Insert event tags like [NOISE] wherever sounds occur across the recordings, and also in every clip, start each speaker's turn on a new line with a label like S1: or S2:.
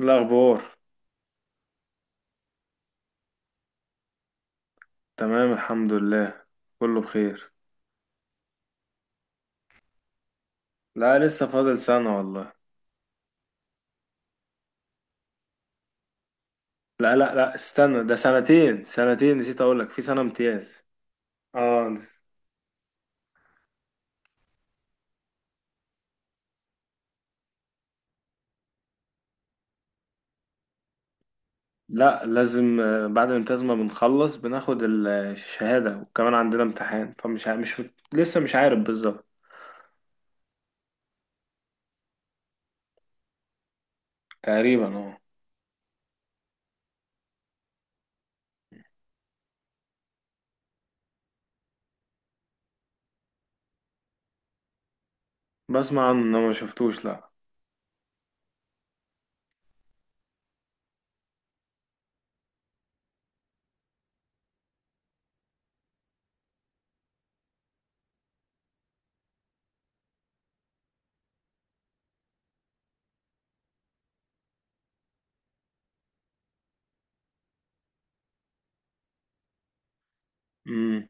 S1: الأخبار. تمام الحمد لله، كله بخير. لا لسه فاضل سنة والله. لا لا لا استنى، ده سنتين نسيت أقولك، في سنة امتياز. اه نس- لا لازم، بعد الامتياز ما بنخلص بناخد الشهادة، وكمان عندنا امتحان، مش لسه مش عارف بالظبط. تقريبا اه. بسمع عنه، إنه ما شفتوش لا. مم.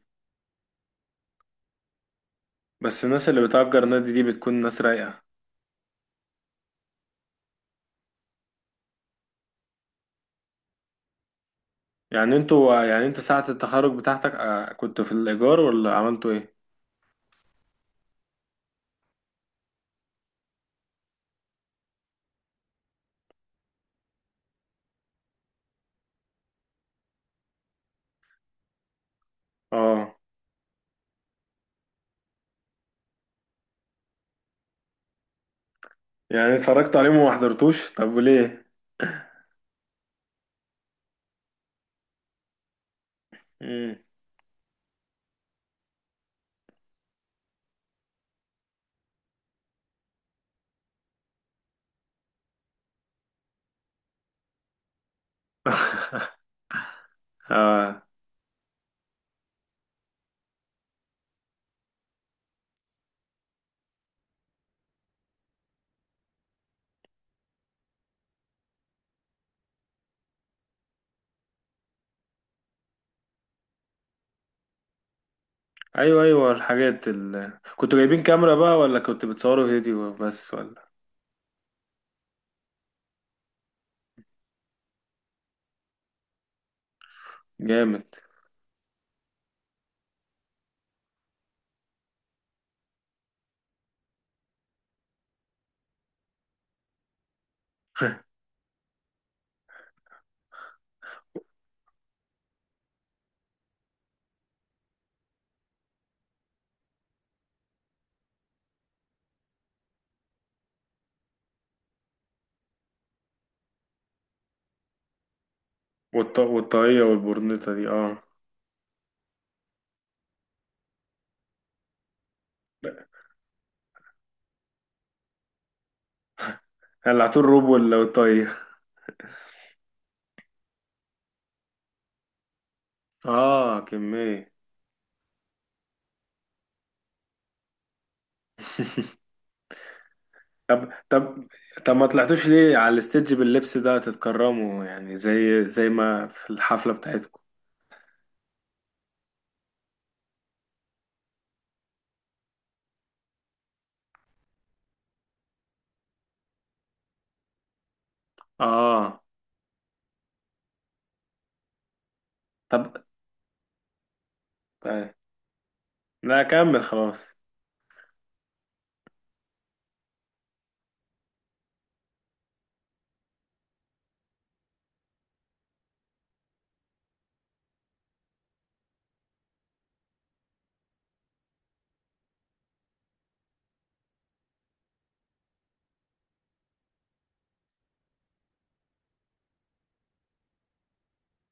S1: بس الناس اللي بتأجر نادي دي بتكون ناس رايقة. يعني انتوا، يعني انت ساعة التخرج بتاعتك كنت في الإيجار ولا عملتوا ايه؟ اه يعني اتفرجت عليهم وما حضرتوش؟ طب وليه؟ امم. اه ايوه ايوه، الحاجات كنتوا جايبين كاميرا بقى، ولا كنتوا بتصوروا فيديو بس، ولا؟ جامد. والطاقية والبرنيطة دي اه. قلعتوا الروب ولا والطاقية؟ اه كمية. طب طب. طب ما طلعتوش ليه على الاستيدج باللبس ده تتكرموا، يعني زي ما في الحفلة بتاعتكم. اه. طب. طيب. لا كمل خلاص.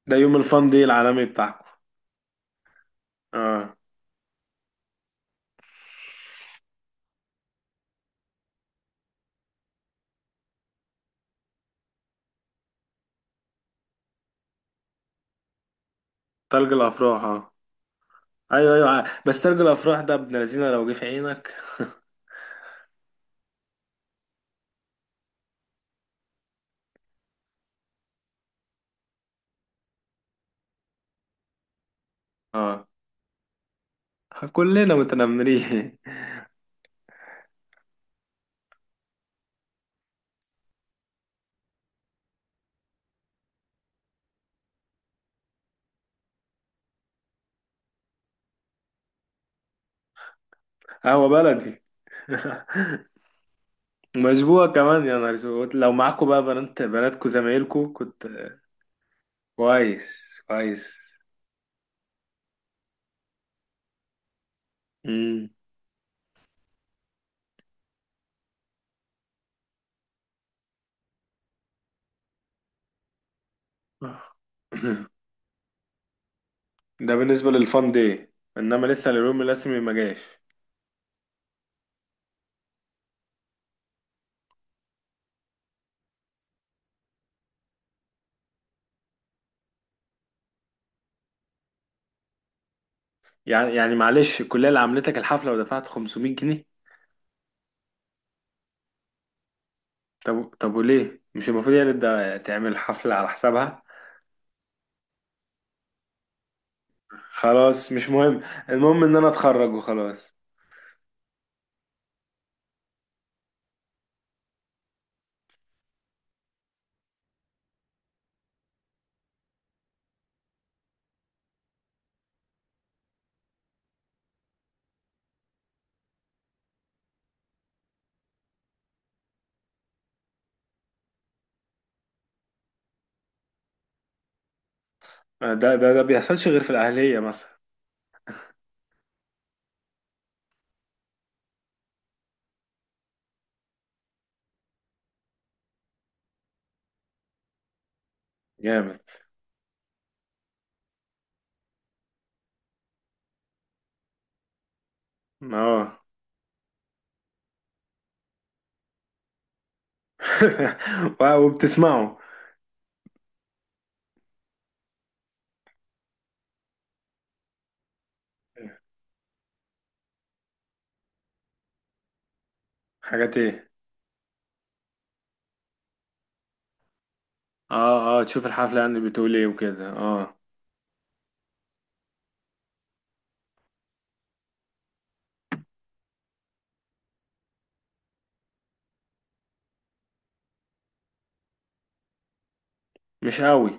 S1: ده يوم الفن دي العالمي بتاعكم. اه. تلج الافراح اه. ايوه ايوه، بس ترجو الافراح ده ابن لذينه لو جه في عينك. اه كلنا متنمرين. [LAUGHS] قهوه بلدي. [LAUGHS] مشبوهة كمان يا نهار اسود، لو معاكوا بقى بنات، بناتكوا، زمايلكوا كنت. كويس كويس. مم. [LAUGHS] ده بالنسبة للفان دي، انما لسه اليوم الرسمي ما جاش. يعني معلش، الكلية اللي عملتك الحفلة ودفعت 500 جنيه؟ طب طب وليه مش المفروض يعني ده تعمل حفلة على حسابها؟ خلاص مش مهم، المهم ان انا اتخرج وخلاص. ده بيحصلش غير في الاهليه مثلا. جامد اه. [LAUGHS] وبتسمعوا؟ حاجات ايه؟ اه اه، تشوف الحفله يعني بتقول ايه وكده اه. مش قوي.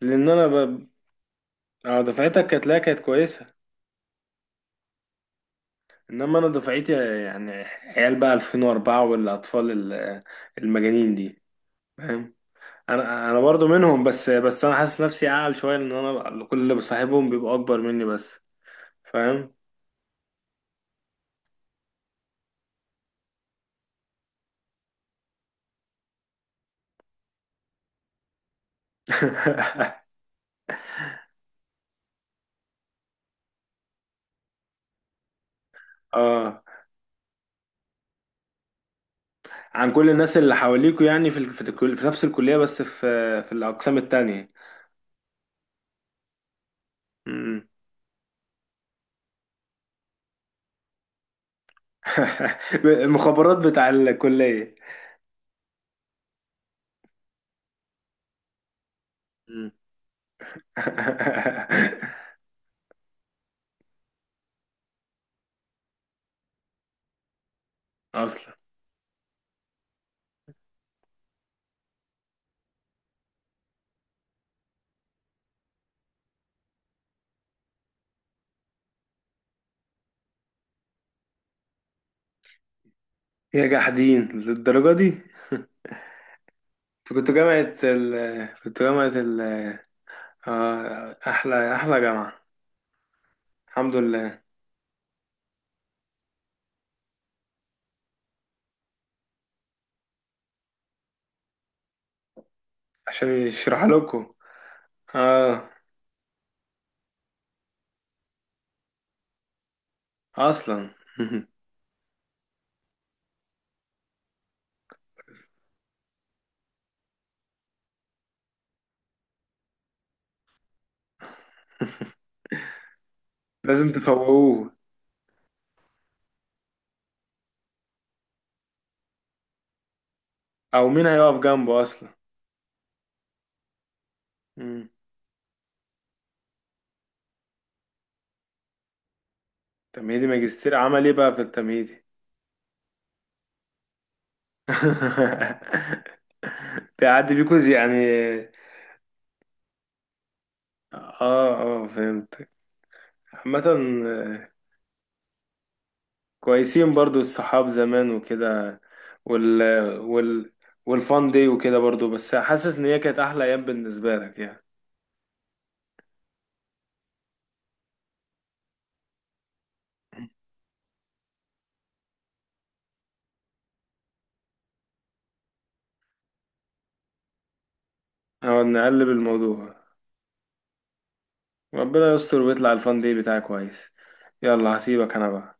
S1: لان انا ب... اه، دفعتك كانت، لا كانت كويسه. انما انا دفعتي، يعني عيال بقى 2004 والاطفال المجانين دي، فاهم؟ انا برضو منهم، بس انا حاسس نفسي اعقل شويه، ان انا كل اللي بصاحبهم بيبقوا اكبر مني بس. فاهم. [LAUGHS] اه. عن كل الناس اللي حواليكوا، يعني في في نفس الكلية، بس في في الأقسام التانية. مم. [LAUGHS] المخابرات بتاع الكلية. مم. [LAUGHS] أصلا. يا جحدين للدرجة دي. انت كنت جامعة ال... كنت جامعة ال... آه أحلى جامعة. الحمد لله. عشان يشرح لكم. آه أصلا. [LAUGHS] لازم تفوقوه. أو مين هيقف جنبه أصلا؟ تمهيدي ماجستير عمل ايه بقى في التمهيدي؟ [LAUGHS] تعدي بيكوز يعني. اه اه فهمت. عامة، آه، كويسين برضو الصحاب زمان وكده، وال وال والفان دي وكده برضو، بس حاسس ان هي كانت احلى ايام بالنسبة لك يعني. او نقلب الموضوع. ربنا يستر ويطلع الفان دي بتاعك كويس. يلا هسيبك انا بقى.